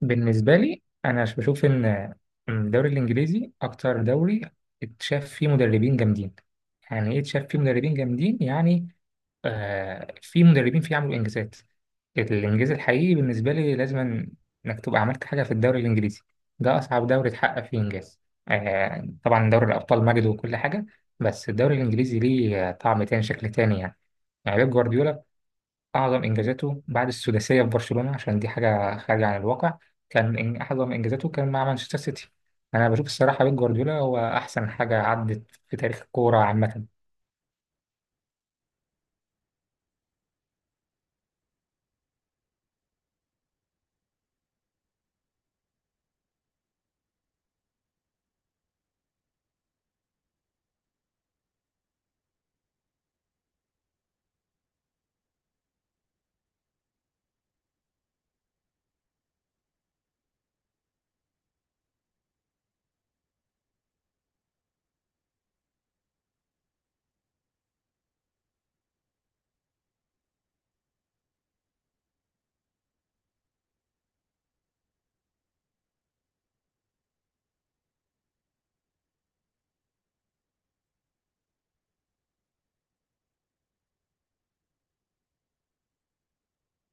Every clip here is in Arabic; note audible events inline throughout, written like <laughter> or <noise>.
بالنسبة لي أنا بشوف إن الدوري الإنجليزي أكتر دوري اتشاف فيه مدربين جامدين. يعني إيه اتشاف فيه مدربين جامدين؟ في مدربين فيه عملوا إنجازات. الإنجاز الحقيقي بالنسبة لي لازم إنك تبقى عملت حاجة في الدوري الإنجليزي، ده أصعب دوري اتحقق فيه إنجاز. آه طبعا دوري الأبطال مجد وكل حاجة، بس الدوري الإنجليزي ليه طعم تاني شكل تاني. يعني يعني بيب جوارديولا أعظم إنجازاته بعد السداسية في برشلونة، عشان دي حاجة خارجة عن الواقع، كان أعظم إنجازاته كان مع مانشستر سيتي. أنا بشوف الصراحة بيب جوارديولا هو أحسن حاجة عدت في تاريخ الكورة عامة.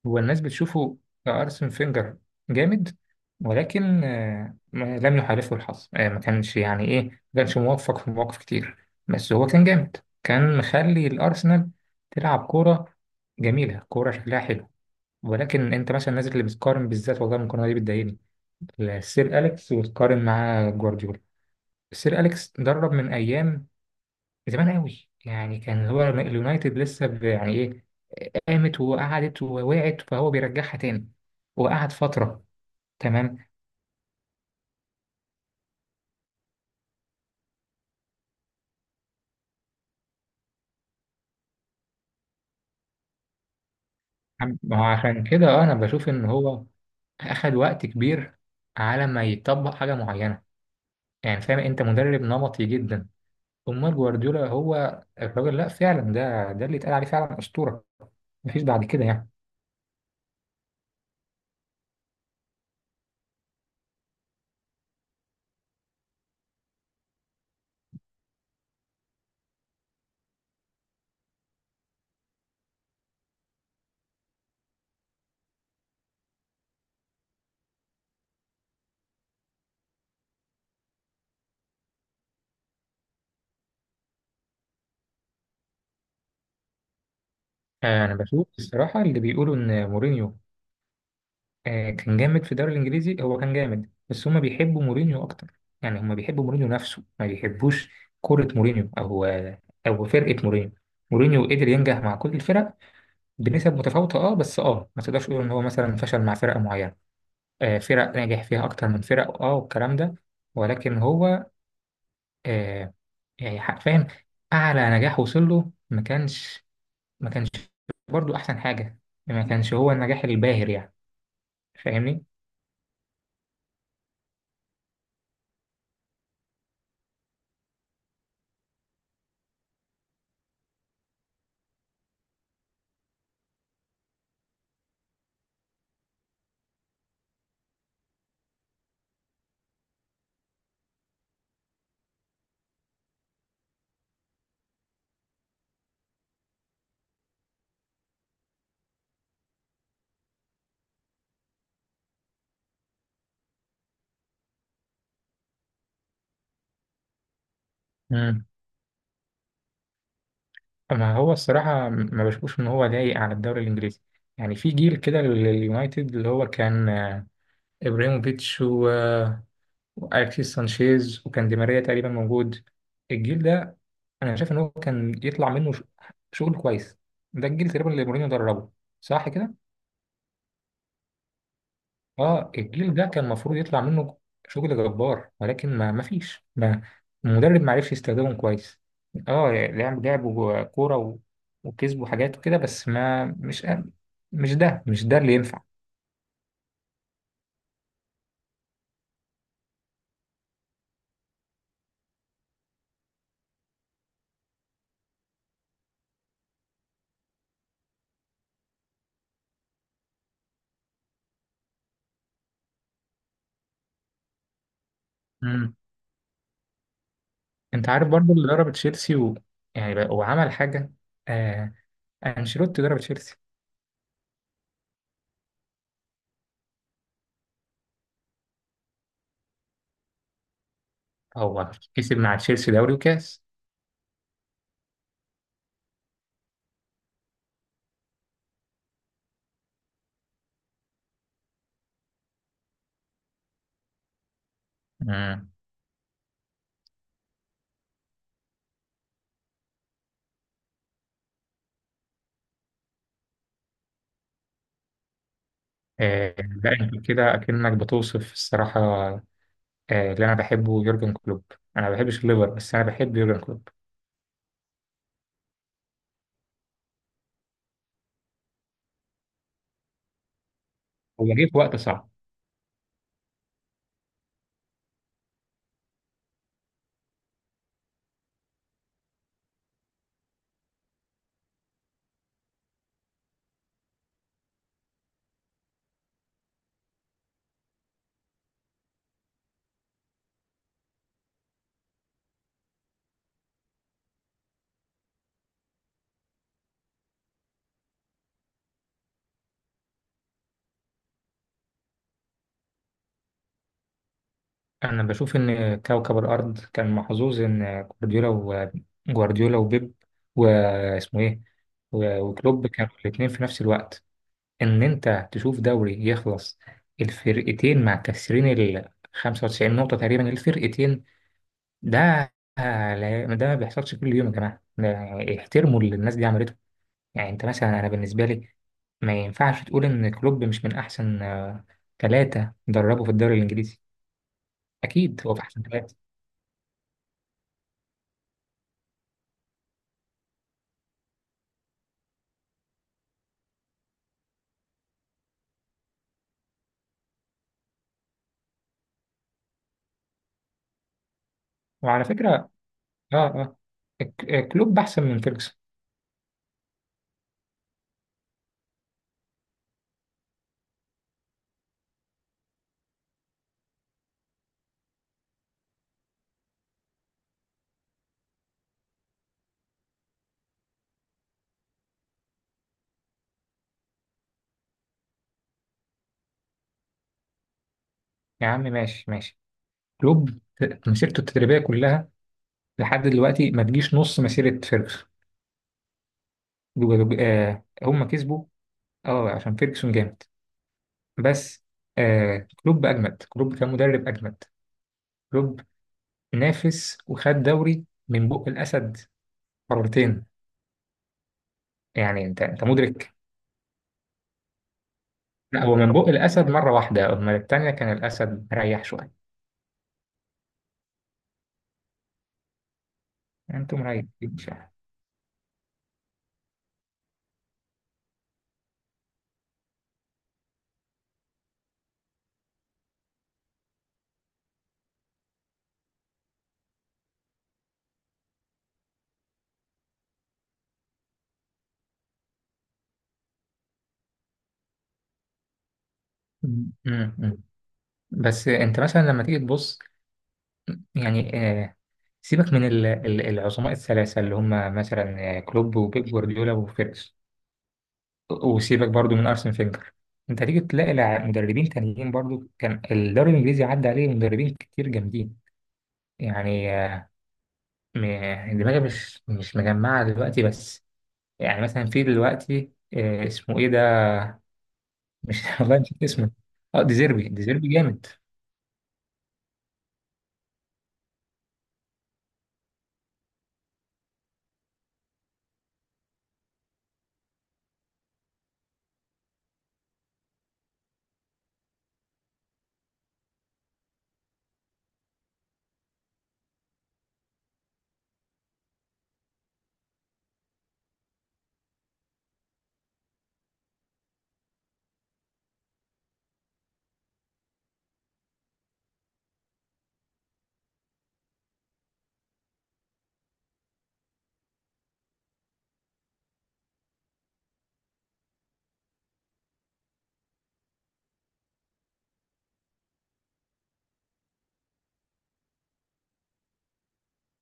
والناس بتشوفه أرسن فينجر جامد، ولكن آه، لم يحالفه الحظ، آه، ما كانش يعني إيه، ما كانش موفق في مواقف كتير. بس هو كان جامد، كان مخلي الأرسنال تلعب كورة جميلة، كورة شكلها حلو. ولكن أنت مثلا الناس اللي بتقارن بالذات، والله المقارنة دي بتضايقني، لسير أليكس وتقارن معاه جوارديولا. سير أليكس درب من أيام زمان قوي، يعني كان هو اليونايتد لسه يعني إيه، قامت وقعدت ووقعت فهو بيرجعها تاني وقعد فترة، تمام. ما هو عشان كده آه، أنا بشوف إن هو أخد وقت كبير على ما يطبق حاجة معينة، يعني فاهم، أنت مدرب نمطي جدا. أمال جوارديولا هو الراجل، لأ فعلا ده اللي اتقال عليه فعلا أسطورة، مفيش بعد كده يعني. آه، أنا بشوف الصراحة اللي بيقولوا إن مورينيو آه، كان جامد في الدوري الانجليزي، هو كان جامد بس هما بيحبوا مورينيو اكتر، يعني هما بيحبوا مورينيو نفسه، ما بيحبوش كرة مورينيو او او فرقة مورينيو. مورينيو قدر ينجح مع كل الفرق بنسب متفاوتة، اه بس اه ما تقدرش تقول ان هو مثلا فشل مع فرقة معينة. آه فرق ناجح فيها اكتر من فرق اه، والكلام ده. ولكن هو آه يعني حرفيا اعلى نجاح وصل له ما كانش برضه احسن حاجة، ما كانش هو النجاح الباهر يعني. فاهمني؟ ما هو الصراحة ما بشوفش إن هو لايق على الدوري الإنجليزي. يعني في جيل كده لليونايتد اللي هو كان آه، إبراهيموفيتش آه، وأليكسيس سانشيز وكان دي ماريا تقريبا موجود، الجيل ده أنا شايف إن هو كان يطلع منه شغل كويس. ده الجيل تقريبا اللي مورينيو دربه، صح كده؟ اه الجيل ده كان المفروض يطلع منه شغل جبار، ولكن ما ما فيش ما المدرب ما عرفش يستخدمهم كويس. اه لعبوا كورة و... وكسبوا حاجات وكده، بس ما مش مش ده مش ده اللي ينفع. امم، انت عارف برضو اللي ضرب تشيلسي، و... يعني وعمل حاجة، آه انشيلوتي ضرب تشيلسي، هو كسب مع تشيلسي دوري وكاس. امم، آه لا انت كده اكنك بتوصف الصراحة آه، اللي انا بحبه يورجن كلوب. انا ما بحبش الليفر بس انا بحب يورجن كلوب، هو جه في وقت صعب. انا بشوف ان كوكب الارض كان محظوظ ان جوارديولا وجوارديولا وبيب واسمه ايه و- وكلوب كانوا الاثنين في نفس الوقت، ان انت تشوف دوري يخلص الفرقتين مع ال 95 نقطة تقريبا الفرقتين، ده ده ما بيحصلش كل يوم يا جماعة، ده احترموا اللي الناس دي عملته. يعني انت مثلا انا بالنسبه لي ما ينفعش تقول ان كلوب مش من احسن آه، ثلاثه دربوا في الدوري الانجليزي، اكيد هو في احسن ثلاثه. وعلى فكره، اه اه آه، كلوب احسن من فيرجسون. يا عم ماشي ماشي، كلوب مسيرته التدريبيه كلها لحد دلوقتي ما تجيش نص مسيره فيرجسون، آه هم كسبوا، اه عشان فيرجسون جامد، بس آه كلوب اجمد، كلوب كان مدرب اجمد. كلوب نافس وخد دوري من بق الاسد مرتين، يعني انت مدرك. لا هو من بق الاسد مره واحده، اما التانيه كان الاسد مريح شويه، يعني انتوا مريحين شويه. أمم، أمم. بس انت مثلا لما تيجي تبص، يعني آه، سيبك من العظماء الثلاثه اللي هم مثلا آه، كلوب وبيب جوارديولا وفيركس، وسيبك برضو من ارسن فينجر. انت هتيجي تلاقي مدربين تانيين برضو، كان الدوري الانجليزي عدى عليه مدربين كتير جامدين. يعني آه، دماغي مش مجمعه دلوقتي، بس يعني مثلا في دلوقتي آه، اسمه ايه ده، مش <laughs> والله نسيت اسمه. اه ديزيربي جامد